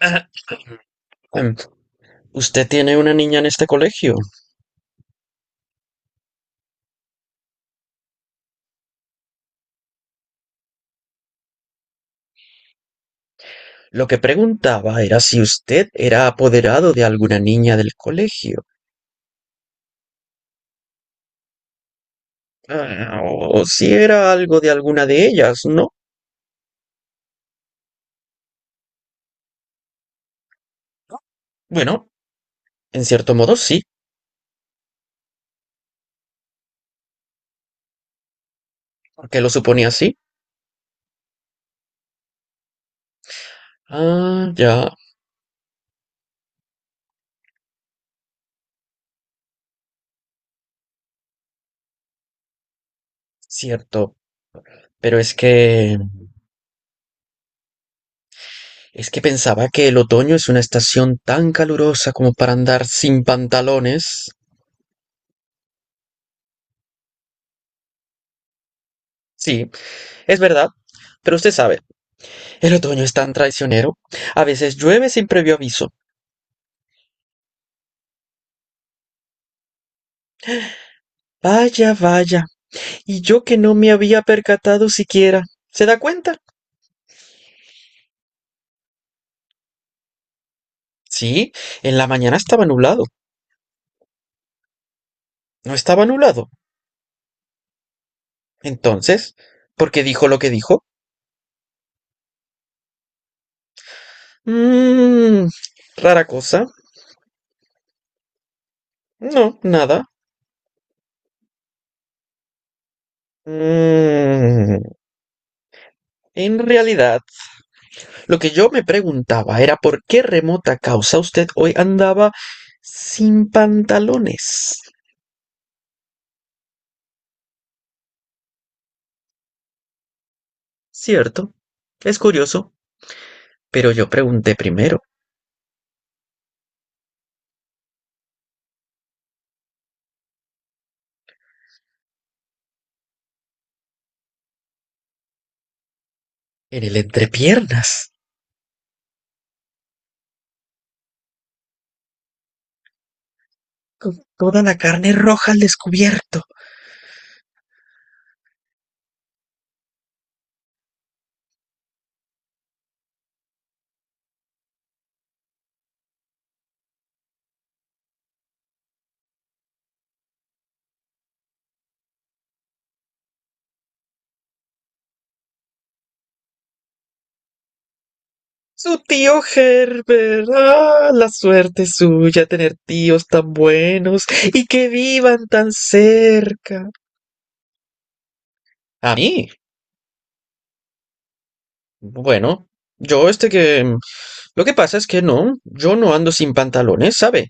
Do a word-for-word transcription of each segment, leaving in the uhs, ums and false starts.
Ah, em, usted tiene una niña en este colegio. Lo que preguntaba era si usted era apoderado de alguna niña del colegio. Ah, o si era algo de alguna de ellas, ¿no? Bueno, en cierto modo sí, porque lo suponía así. Ah, ya, cierto. Pero es que... es que pensaba que el otoño es una estación tan calurosa como para andar sin pantalones. Sí, es verdad. Pero usted sabe, el otoño es tan traicionero. A veces llueve sin previo aviso. Vaya, vaya. Y yo que no me había percatado siquiera. ¿Se da cuenta? Sí, en la mañana estaba nublado. No estaba nublado. Entonces, ¿por qué dijo lo que dijo? Mmm. Rara cosa. No, nada. Mmm. En realidad, lo que yo me preguntaba era por qué remota causa usted hoy andaba sin pantalones. Cierto. Es curioso. Pero yo pregunté primero. En el entrepiernas. Con toda la carne roja al descubierto. Su tío Herbert. Ah, la suerte suya tener tíos tan buenos y que vivan tan cerca. A mí. Bueno, yo este que... Lo que pasa es que no, yo no ando sin pantalones, ¿sabe?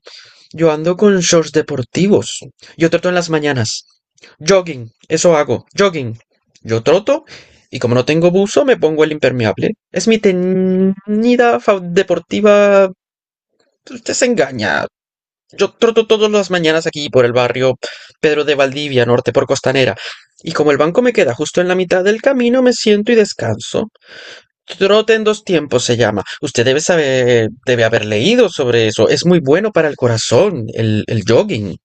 Yo ando con shorts deportivos. Yo troto en las mañanas. Jogging, eso hago, jogging. Yo troto y como no tengo buzo me pongo el impermeable. Es mi teñida fa- deportiva. Usted se engaña. Yo troto todas las mañanas aquí por el barrio Pedro de Valdivia, norte por Costanera. Y como el banco me queda justo en la mitad del camino, me siento y descanso. Trote en dos tiempos se llama. Usted debe saber, debe haber leído sobre eso. Es muy bueno para el corazón, el, el jogging.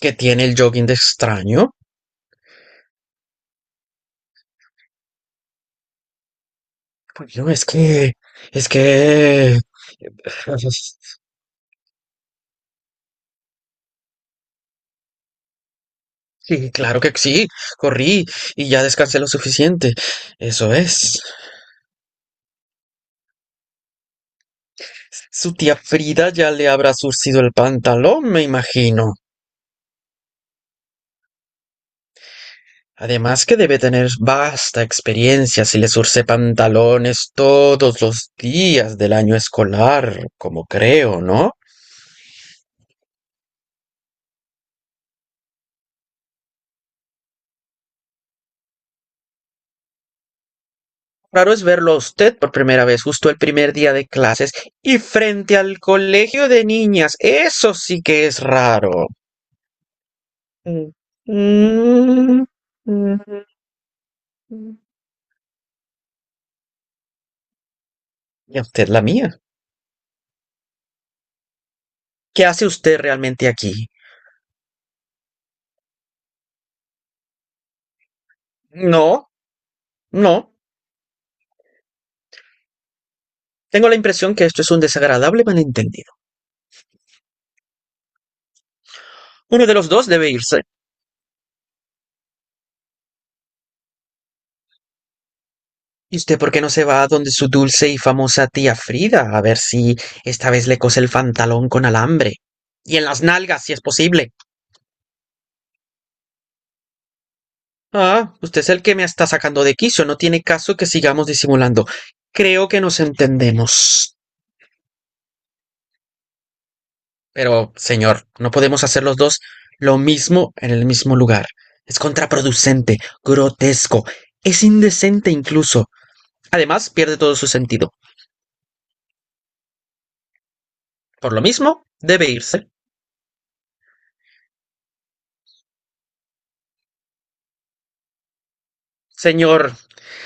¿Qué tiene el jogging de extraño? Bueno, es que, es que... Sí, claro que sí. Corrí y ya descansé lo suficiente. Eso es. Su tía Frida ya le habrá surcido el pantalón, me imagino. Además que debe tener vasta experiencia si le zurce pantalones todos los días del año escolar, como creo, ¿no? Raro es verlo a usted por primera vez justo el primer día de clases y frente al colegio de niñas. Eso sí que es raro. Mm. Mm. ¿Y a usted la mía? ¿Qué hace usted realmente aquí? No, no. Tengo la impresión que esto es un desagradable malentendido. Uno de los dos debe irse. ¿Y usted por qué no se va a donde su dulce y famosa tía Frida a ver si esta vez le cose el pantalón con alambre? Y en las nalgas, si es posible. Ah, usted es el que me está sacando de quicio. No tiene caso que sigamos disimulando. Creo que nos entendemos. Pero, señor, no podemos hacer los dos lo mismo en el mismo lugar. Es contraproducente, grotesco, es indecente incluso. Además, pierde todo su sentido. Por lo mismo, debe irse. Señor,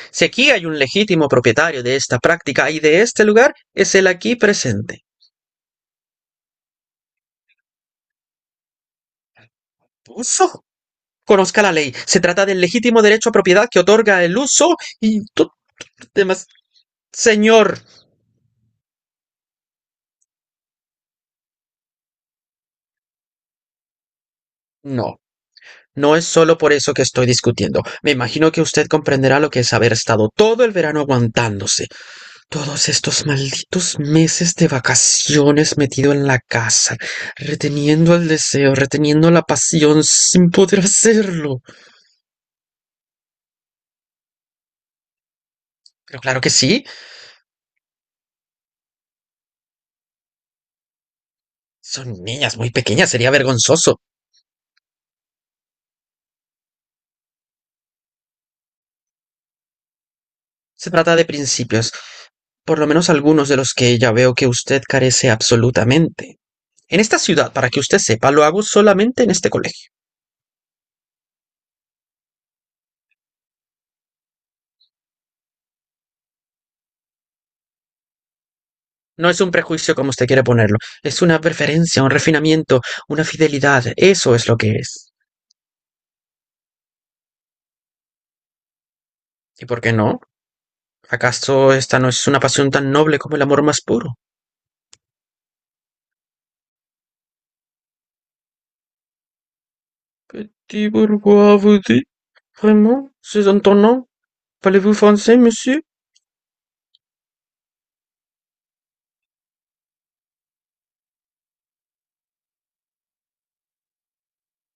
si aquí hay un legítimo propietario de esta práctica y de este lugar, es el aquí presente. Uso. Conozca la ley. Se trata del legítimo derecho a propiedad que otorga el uso y todo demás. Señor, no. No es solo por eso que estoy discutiendo. Me imagino que usted comprenderá lo que es haber estado todo el verano aguantándose, todos estos malditos meses de vacaciones metido en la casa, reteniendo el deseo, reteniendo la pasión, sin poder hacerlo. Pero claro que sí, son niñas muy pequeñas, sería vergonzoso. Se trata de principios, por lo menos algunos de los que ya veo que usted carece absolutamente. En esta ciudad, para que usted sepa, lo hago solamente en este colegio. No es un prejuicio como usted quiere ponerlo, es una preferencia, un refinamiento, una fidelidad, eso es lo que es. ¿Y por qué no? ¿Acaso esta no es una pasión tan noble como el amor más puro? Petit bourgeois vous dit, vraiment, c'est étonnant. Parlez-vous français, monsieur?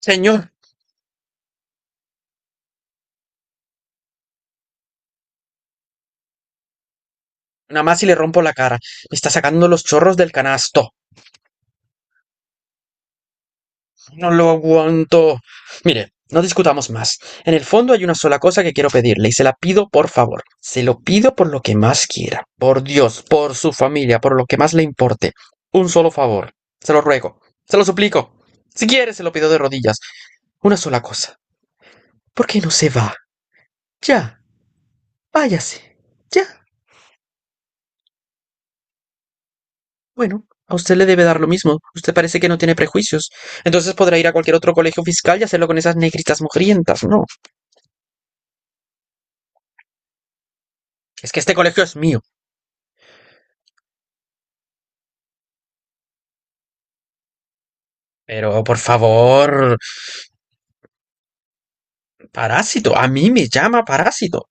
Señor, nada más si le rompo la cara. Me está sacando los chorros del canasto. No lo aguanto. Mire, no discutamos más. En el fondo hay una sola cosa que quiero pedirle y se la pido por favor. Se lo pido por lo que más quiera. Por Dios, por su familia, por lo que más le importe. Un solo favor. Se lo ruego. Se lo suplico. Si quiere, se lo pido de rodillas. Una sola cosa. ¿Por qué no se va? Ya, váyase. Ya. Bueno, a usted le debe dar lo mismo. Usted parece que no tiene prejuicios. Entonces podrá ir a cualquier otro colegio fiscal y hacerlo con esas negritas mugrientas. No, es que este colegio es mío. Pero, por favor, parásito. A mí me llama parásito.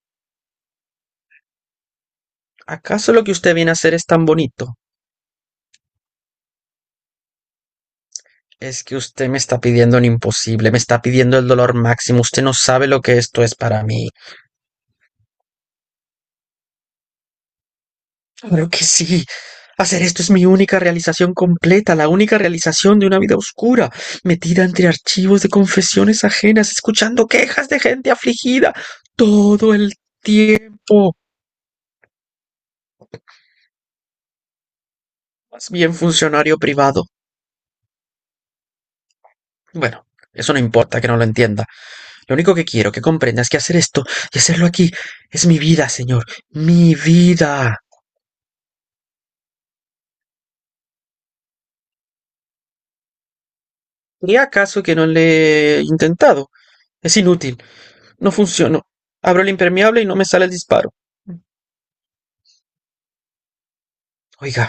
¿Acaso lo que usted viene a hacer es tan bonito? Es que usted me está pidiendo un imposible, me está pidiendo el dolor máximo. Usted no sabe lo que esto es para mí. Claro que sí. Hacer esto es mi única realización completa, la única realización de una vida oscura, metida entre archivos de confesiones ajenas, escuchando quejas de gente afligida todo el tiempo. Más bien funcionario privado. Bueno, eso no importa que no lo entienda. Lo único que quiero que comprendas es que hacer esto y hacerlo aquí es mi vida, señor. Mi vida. ¿Y acaso que no le he intentado? Es inútil. No funcionó. Abro el impermeable y no me sale el disparo. Oiga,